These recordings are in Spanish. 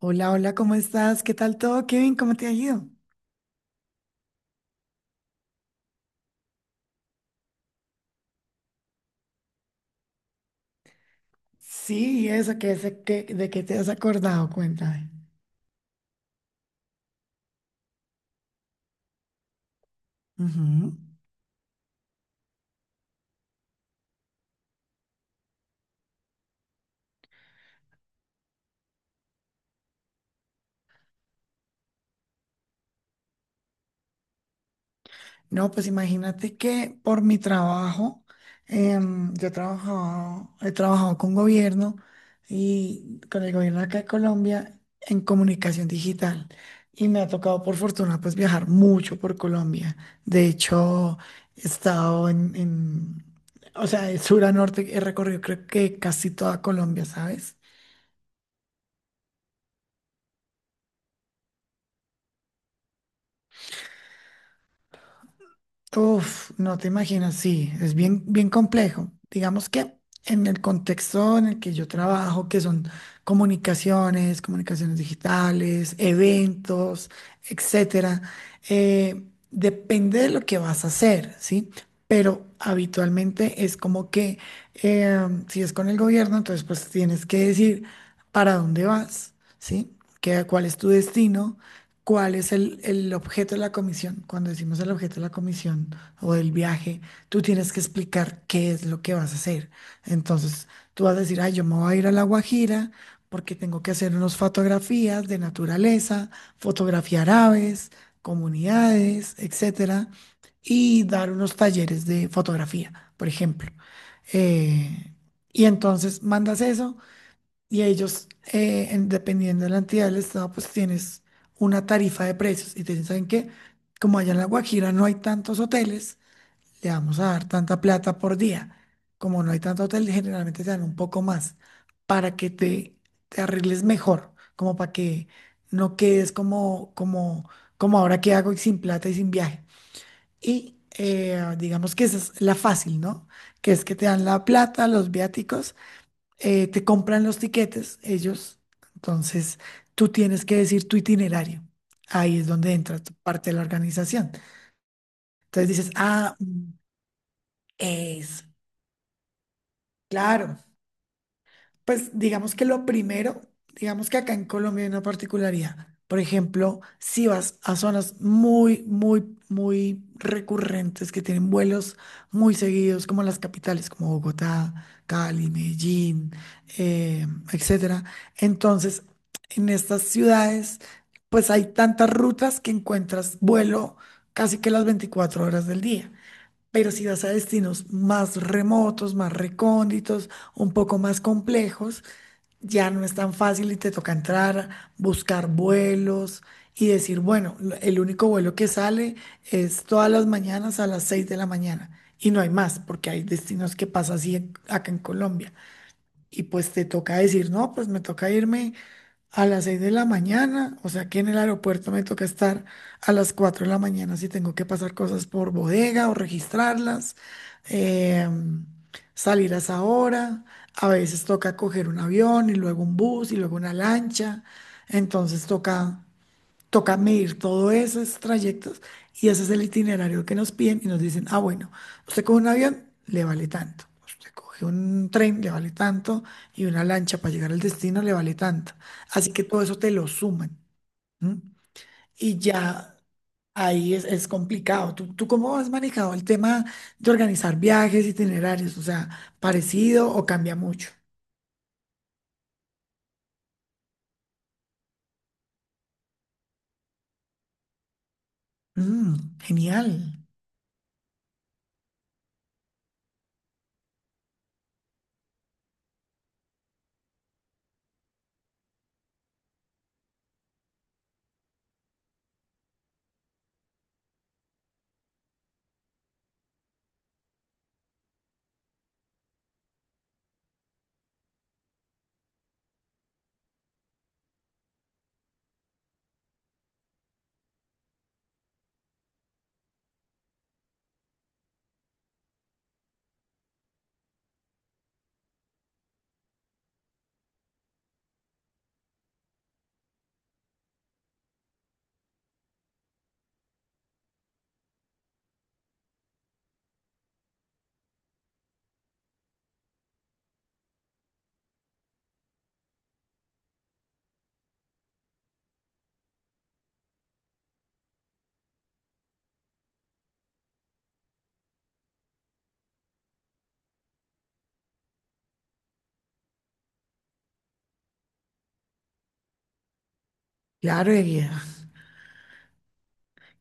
Hola, hola, ¿cómo estás? ¿Qué tal todo, Kevin? ¿Cómo te ha ido? Sí, ¿y eso, de qué te has acordado? Cuéntame. Ujú. No, pues imagínate que por mi trabajo, yo he trabajado con gobierno y con el gobierno acá de Colombia en comunicación digital. Y me ha tocado, por fortuna, pues viajar mucho por Colombia. De hecho, he estado o sea, de sur a norte, he recorrido creo que casi toda Colombia, ¿sabes? Uf, no te imaginas, sí, es bien, bien complejo. Digamos que en el contexto en el que yo trabajo, que son comunicaciones digitales, eventos, etcétera, eh, depende de lo que vas a hacer, ¿sí? Pero habitualmente es como que eh, si es con el gobierno, entonces pues tienes que decir para dónde vas, ¿sí? ¿Cuál es tu destino? ¿Cuál es el objeto de la comisión? Cuando decimos el objeto de la comisión o del viaje, tú tienes que explicar qué es lo que vas a hacer. Entonces, tú vas a decir, ay, yo me voy a ir a La Guajira porque tengo que hacer unas fotografías de naturaleza, fotografiar aves, comunidades, etcétera, y dar unos talleres de fotografía, por ejemplo. Eh, y entonces mandas eso y ellos, dependiendo de la entidad del Estado, pues tienes una tarifa de precios. Y te dicen, ¿saben qué? Como allá en La Guajira no hay tantos hoteles, le vamos a dar tanta plata por día. Como no hay tanto hotel, generalmente te dan un poco más para que te arregles mejor, como para que no quedes como ahora que hago y sin plata y sin viaje. Y digamos que esa es la fácil, ¿no? Que es que te dan la plata, los viáticos, te compran los tiquetes ellos, entonces tú tienes que decir tu itinerario. Ahí es donde entra tu parte de la organización. Entonces dices, ah, es, claro. Pues digamos que lo primero, digamos que acá en Colombia hay una particularidad. Por ejemplo, si vas a zonas muy, muy, muy recurrentes que tienen vuelos muy seguidos, como las capitales, como Bogotá, Cali, Medellín, eh, etcétera. Entonces, en estas ciudades, pues hay tantas rutas que encuentras vuelo casi que las 24 horas del día. Pero si vas a destinos más remotos, más recónditos, un poco más complejos, ya no es tan fácil y te toca entrar, buscar vuelos y decir, bueno, el único vuelo que sale es todas las mañanas a las 6 de la mañana y no hay más, porque hay destinos que pasa así acá en Colombia. Y pues te toca decir, no, pues me toca irme a las 6 de la mañana, o sea que en el aeropuerto me toca estar a las 4 de la mañana si tengo que pasar cosas por bodega o registrarlas, em, salir a esa hora. A veces toca coger un avión y luego un bus y luego una lancha, entonces toca medir todos esos trayectos, y ese es el itinerario que nos piden y nos dicen, ah, bueno, usted coge un avión, le vale tanto, usted coge un tren, le vale tanto, y una lancha para llegar al destino, le vale tanto. Así que todo eso te lo suman. ¿M? Y ya ahí es complicado. ¿Tú cómo has manejado el tema de organizar viajes, itinerarios? O sea, ¿parecido o cambia mucho? Mm, genial. Claro, Eguía.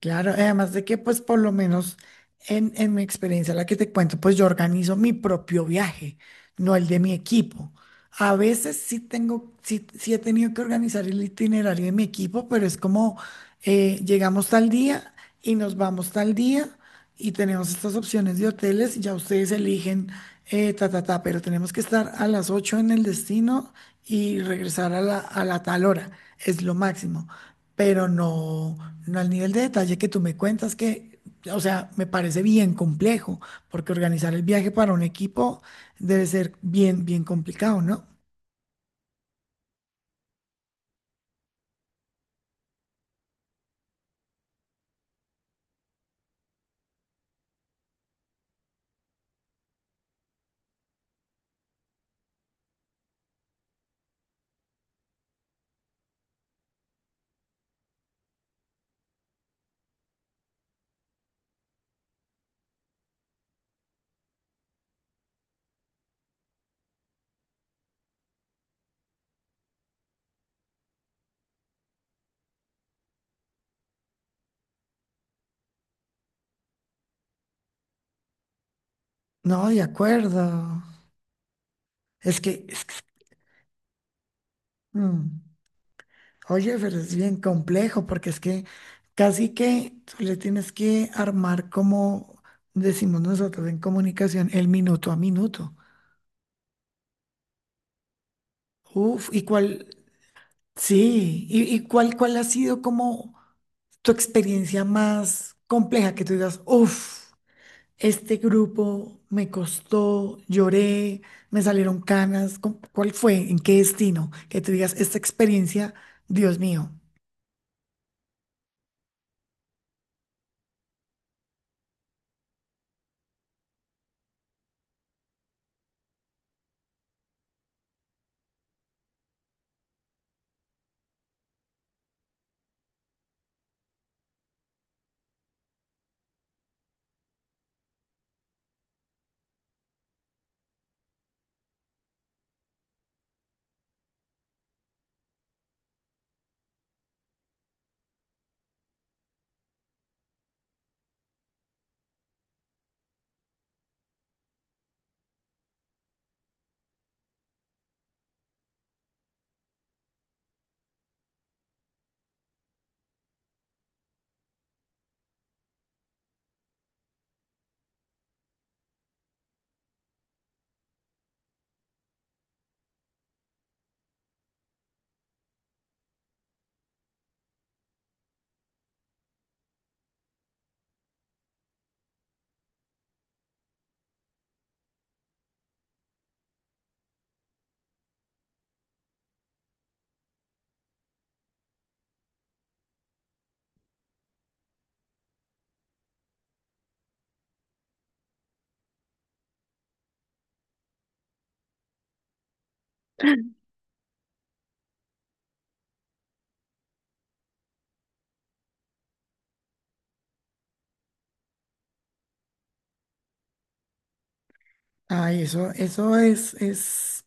Claro, además de que pues por lo menos en mi experiencia, la que te cuento, pues yo organizo mi propio viaje, no el de mi equipo. A veces sí he tenido que organizar el itinerario de mi equipo, pero es como, llegamos tal día y nos vamos tal día y tenemos estas opciones de hoteles y ya ustedes eligen, ta, ta, ta, pero tenemos que estar a las 8 en el destino y regresar a la tal hora, es lo máximo, pero no, no al nivel de detalle que tú me cuentas. Que... O sea, me parece bien complejo, porque organizar el viaje para un equipo debe ser bien, bien complicado, ¿no? No, de acuerdo. Es que, es que- mm. Oye, pero es bien complejo porque es que casi que tú le tienes que armar, como decimos nosotros en comunicación, el minuto a minuto. Uf, ¿y cuál? Sí, ¿y cuál ha sido como tu experiencia más compleja que tú digas, uf, este grupo me costó, lloré, me salieron canas? ¿Cuál fue? ¿En qué destino? Que tú digas, esta experiencia, Dios mío. Ay, eso es, es.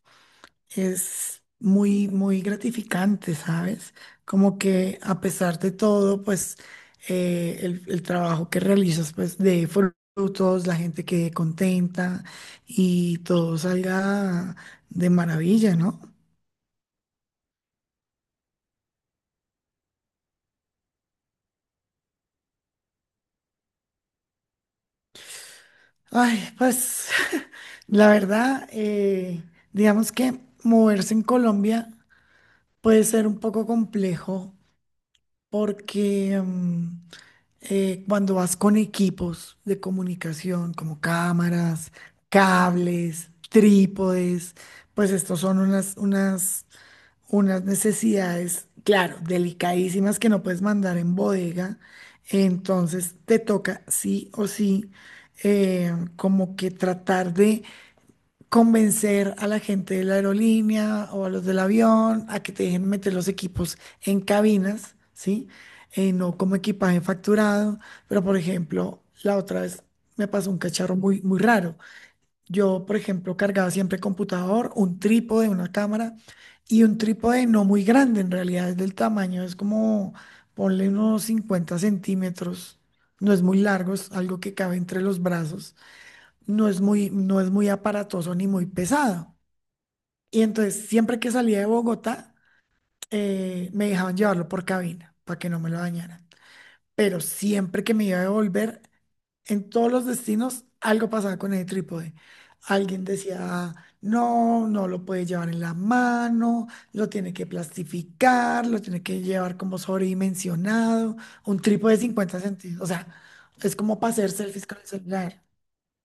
es muy, muy gratificante, ¿sabes? Como que a pesar de todo, pues el trabajo que realizas, pues de frutos, la gente quede contenta y todo salga de maravilla, ¿no? Ay, pues la verdad, digamos que moverse en Colombia puede ser un poco complejo porque, cuando vas con equipos de comunicación como cámaras, cables, trípodes, pues estos son unas necesidades, claro, delicadísimas, que no puedes mandar en bodega. Entonces te toca sí o sí, como que tratar de convencer a la gente de la aerolínea o a los del avión a que te dejen meter los equipos en cabinas, ¿sí? No como equipaje facturado, pero por ejemplo, la otra vez me pasó un cacharro muy, muy raro. Yo, por ejemplo, cargaba siempre computador, un trípode, una cámara, y un trípode no muy grande, en realidad es del tamaño, es como, ponle unos 50 centímetros, no es muy largo, es algo que cabe entre los brazos, no es muy aparatoso ni muy pesado. Y entonces, siempre que salía de Bogotá, me dejaban llevarlo por cabina para que no me lo dañaran. Pero siempre que me iba a devolver, en todos los destinos, algo pasaba con el trípode. Alguien decía, no, no lo puede llevar en la mano, lo tiene que plastificar, lo tiene que llevar como sobredimensionado, un trípode de 50 centímetros. O sea, es como para hacer selfies con el celular,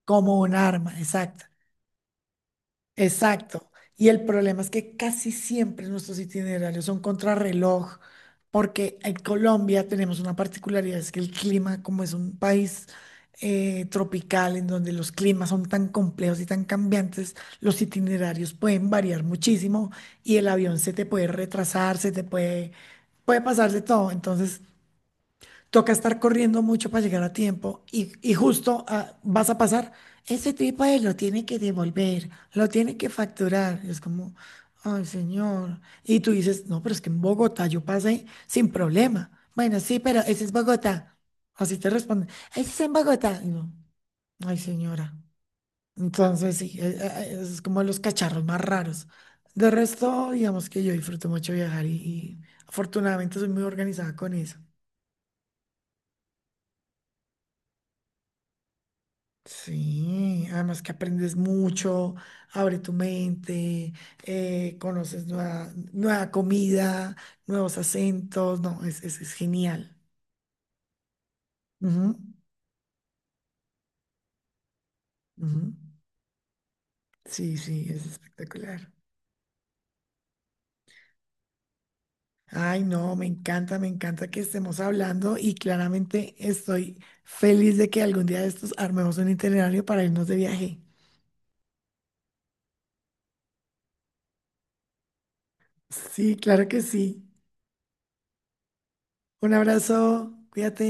como un arma, exacto. Exacto. Y el problema es que casi siempre nuestros itinerarios son contrarreloj, porque en Colombia tenemos una particularidad, es que el clima, como es un país tropical, en donde los climas son tan complejos y tan cambiantes, los itinerarios pueden variar muchísimo y el avión se te puede retrasar, puede pasar de todo. Entonces, toca estar corriendo mucho para llegar a tiempo y justo, ah, vas a pasar, ese trípode lo tiene que devolver, lo tiene que facturar. Es como, ay, señor. Y tú dices, no, pero es que en Bogotá yo pasé sin problema. Bueno, sí, pero ese es Bogotá. Así te responden, ese es en Bogotá. Y no, ay, señora. Entonces, sí, es como los cacharros más raros. De resto, digamos que yo disfruto mucho viajar y afortunadamente soy muy organizada con eso. Sí, además que aprendes mucho, abre tu mente, conoces nueva comida, nuevos acentos, no, es genial. Ujú, ujú. Sí, sí, es espectacular. Ay, no, me encanta que estemos hablando y claramente estoy feliz de que algún día de estos armemos un itinerario para irnos de viaje. Sí, claro que sí. Un abrazo, cuídate.